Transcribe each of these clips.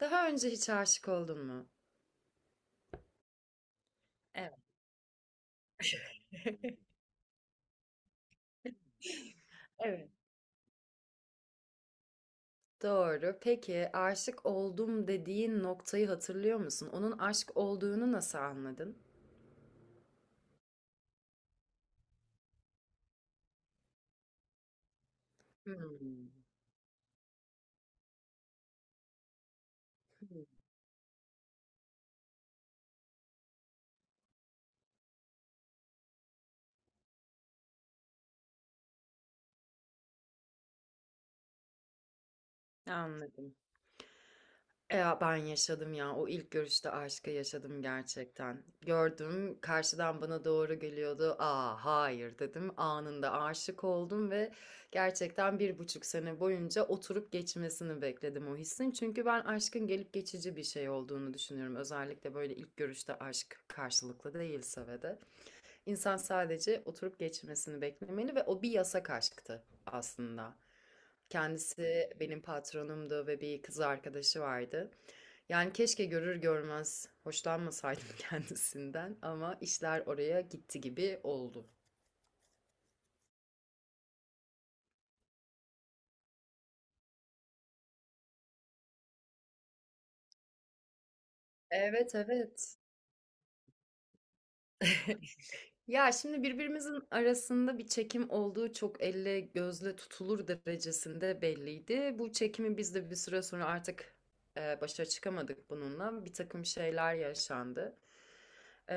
Daha önce hiç aşık oldun mu? Evet. Evet. Doğru. Peki aşık oldum dediğin noktayı hatırlıyor musun? Onun aşk olduğunu nasıl anladın? Hmm. Hmm. Anladım. Ya ben yaşadım ya. O ilk görüşte aşkı yaşadım gerçekten. Gördüm, karşıdan bana doğru geliyordu. Aa, hayır dedim. Anında aşık oldum ve gerçekten bir buçuk sene boyunca oturup geçmesini bekledim o hissin. Çünkü ben aşkın gelip geçici bir şey olduğunu düşünüyorum. Özellikle böyle ilk görüşte aşk karşılıklı değilse ve de. İnsan sadece oturup geçmesini beklemeli ve o bir yasak aşktı aslında. Kendisi benim patronumdu ve bir kız arkadaşı vardı. Yani keşke görür görmez hoşlanmasaydım kendisinden ama işler oraya gitti gibi oldu. Evet, evet. Ya şimdi birbirimizin arasında bir çekim olduğu çok elle gözle tutulur derecesinde belliydi. Bu çekimi biz de bir süre sonra artık başa çıkamadık bununla. Bir takım şeyler yaşandı. E,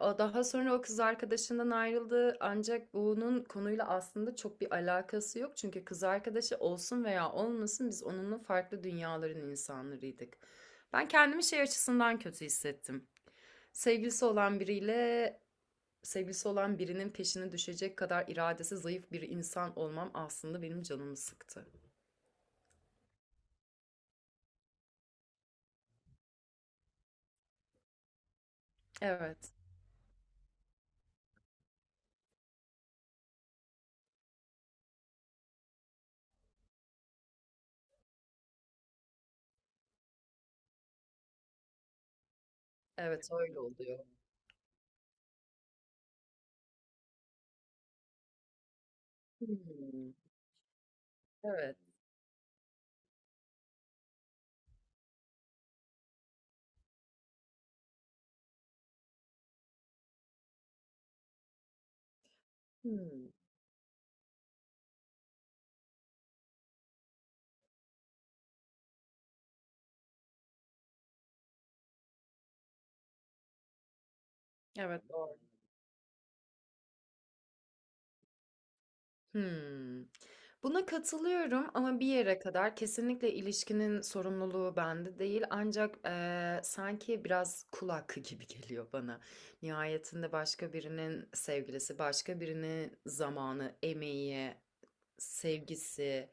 O daha sonra o kız arkadaşından ayrıldı. Ancak bunun konuyla aslında çok bir alakası yok. Çünkü kız arkadaşı olsun veya olmasın biz onunla farklı dünyaların insanlarıydık. Ben kendimi şey açısından kötü hissettim, sevgilisi olan biriyle. Sevgilisi olan birinin peşine düşecek kadar iradesi zayıf bir insan olmam aslında benim canımı sıktı. Evet. Evet, öyle oluyor. Hmm. Evet. Hmm. Evet, doğru. Hmm. Buna katılıyorum ama bir yere kadar kesinlikle ilişkinin sorumluluğu bende değil. Ancak sanki biraz kul hakkı gibi geliyor bana. Nihayetinde başka birinin sevgilisi, başka birinin zamanı, emeği, sevgisi,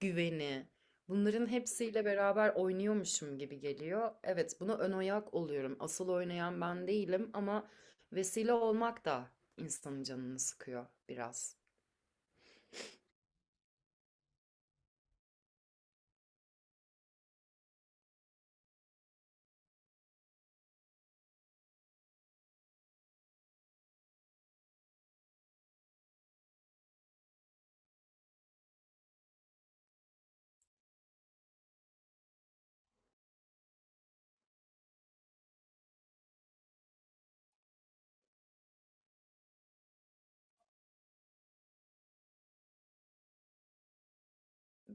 güveni. Bunların hepsiyle beraber oynuyormuşum gibi geliyor. Evet, buna ön ayak oluyorum. Asıl oynayan ben değilim ama vesile olmak da insanın canını sıkıyor biraz.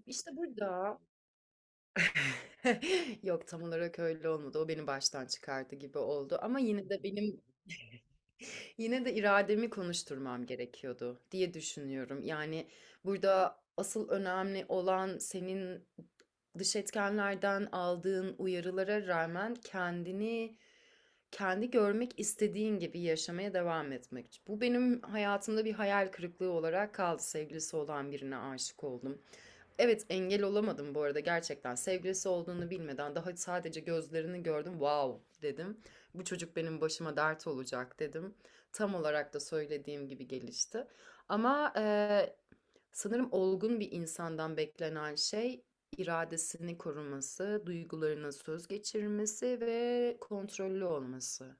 İşte burada yok, tam olarak öyle olmadı. O beni baştan çıkardı gibi oldu ama yine de benim yine de irademi konuşturmam gerekiyordu diye düşünüyorum. Yani, burada asıl önemli olan senin dış etkenlerden aldığın uyarılara rağmen kendini kendi görmek istediğin gibi yaşamaya devam etmek. Bu benim hayatımda bir hayal kırıklığı olarak kaldı. Sevgilisi olan birine aşık oldum. Evet, engel olamadım bu arada gerçekten. Sevgilisi olduğunu bilmeden daha sadece gözlerini gördüm. Wow dedim. Bu çocuk benim başıma dert olacak dedim. Tam olarak da söylediğim gibi gelişti. Ama sanırım olgun bir insandan beklenen şey iradesini koruması, duygularına söz geçirmesi ve kontrollü olması.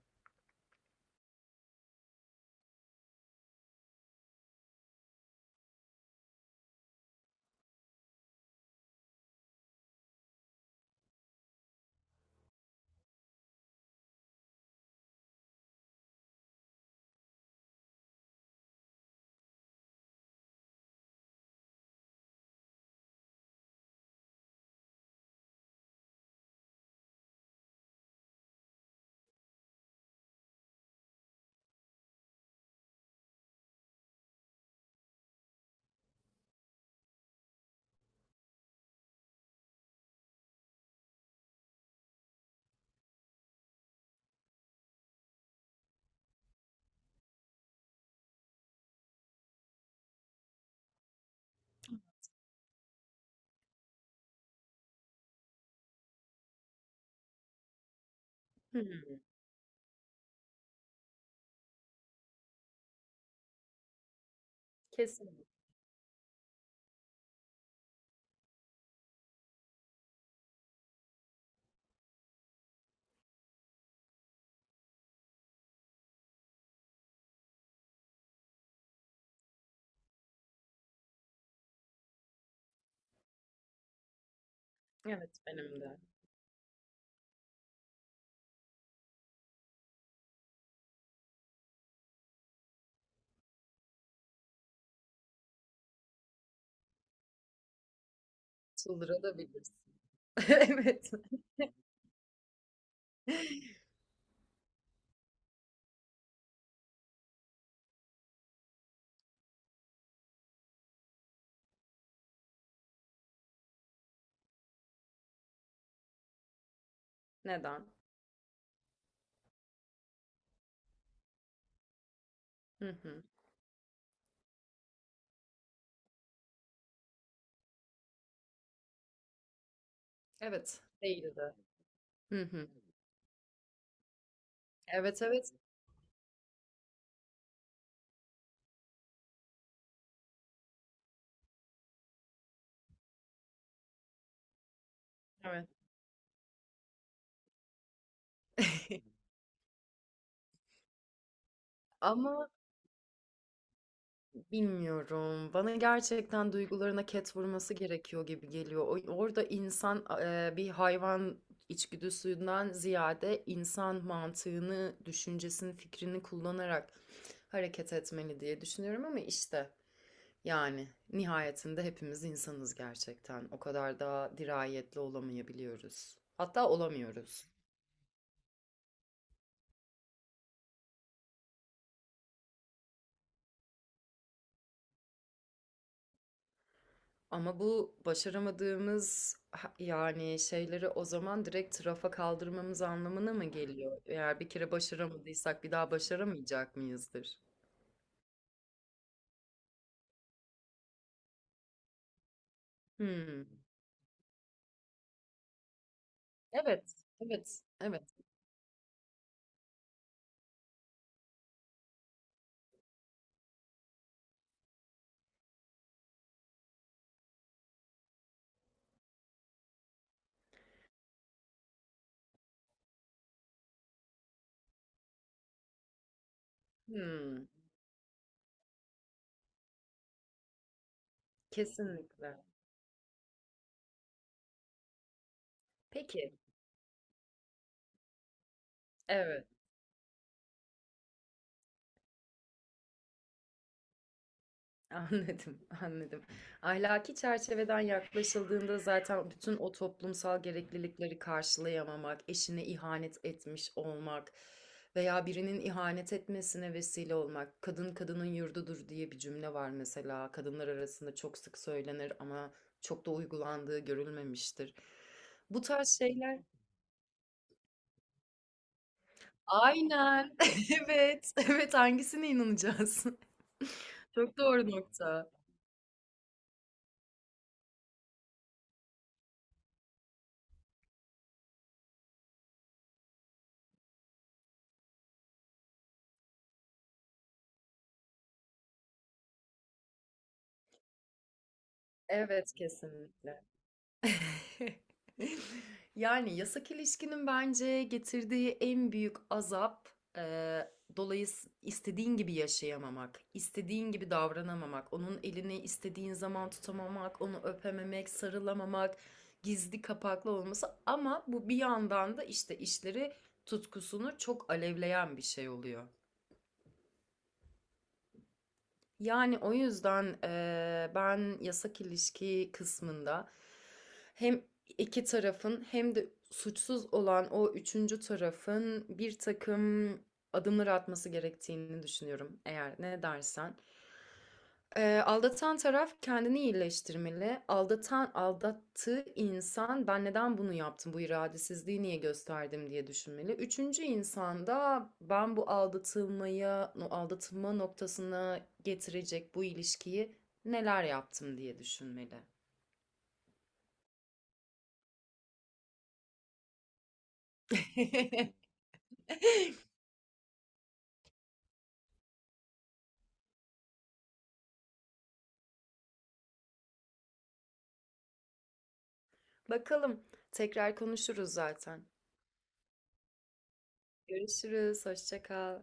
Hı hı. Kesin. Evet, benim de. Çıldırabilirsin. Evet. Neden? Hı hı. Evet, değildi. Hı hı. Evet, evet. Evet. Ama, bilmiyorum. Bana gerçekten duygularına ket vurması gerekiyor gibi geliyor. Orada insan bir hayvan içgüdüsünden ziyade insan mantığını, düşüncesini, fikrini kullanarak hareket etmeli diye düşünüyorum ama işte yani nihayetinde hepimiz insanız gerçekten. O kadar da dirayetli olamayabiliyoruz. Hatta olamıyoruz. Ama bu başaramadığımız yani şeyleri o zaman direkt rafa kaldırmamız anlamına mı geliyor? Eğer bir kere başaramadıysak bir daha başaramayacak mıyızdır? Hmm. Evet, evet, evet. Hmm. Kesinlikle. Peki, evet. Anladım, anladım. Ahlaki çerçeveden yaklaşıldığında zaten bütün o toplumsal gereklilikleri karşılayamamak, eşine ihanet etmiş olmak veya birinin ihanet etmesine vesile olmak, kadın kadının yurdudur diye bir cümle var mesela. Kadınlar arasında çok sık söylenir ama çok da uygulandığı görülmemiştir. Bu tarz şeyler. Aynen. Evet. Evet, hangisine inanacağız? Çok doğru nokta. Evet, kesinlikle. Yani yasak ilişkinin bence getirdiği en büyük azap eee dolayıs istediğin gibi yaşayamamak, istediğin gibi davranamamak, onun elini istediğin zaman tutamamak, onu öpememek, sarılamamak, gizli kapaklı olması ama bu bir yandan da işte işleri tutkusunu çok alevleyen bir şey oluyor. Yani o yüzden ben yasak ilişki kısmında hem iki tarafın hem de suçsuz olan o üçüncü tarafın bir takım adımlar atması gerektiğini düşünüyorum eğer ne dersen. Aldatan taraf kendini iyileştirmeli. Aldatan aldattığı insan ben neden bunu yaptım, bu iradesizliği niye gösterdim diye düşünmeli. Üçüncü insan da ben bu aldatılmaya, no- aldatılma noktasına getirecek bu ilişkiyi neler yaptım diye düşünmeli. Bakalım tekrar konuşuruz zaten. Görüşürüz, hoşça kal.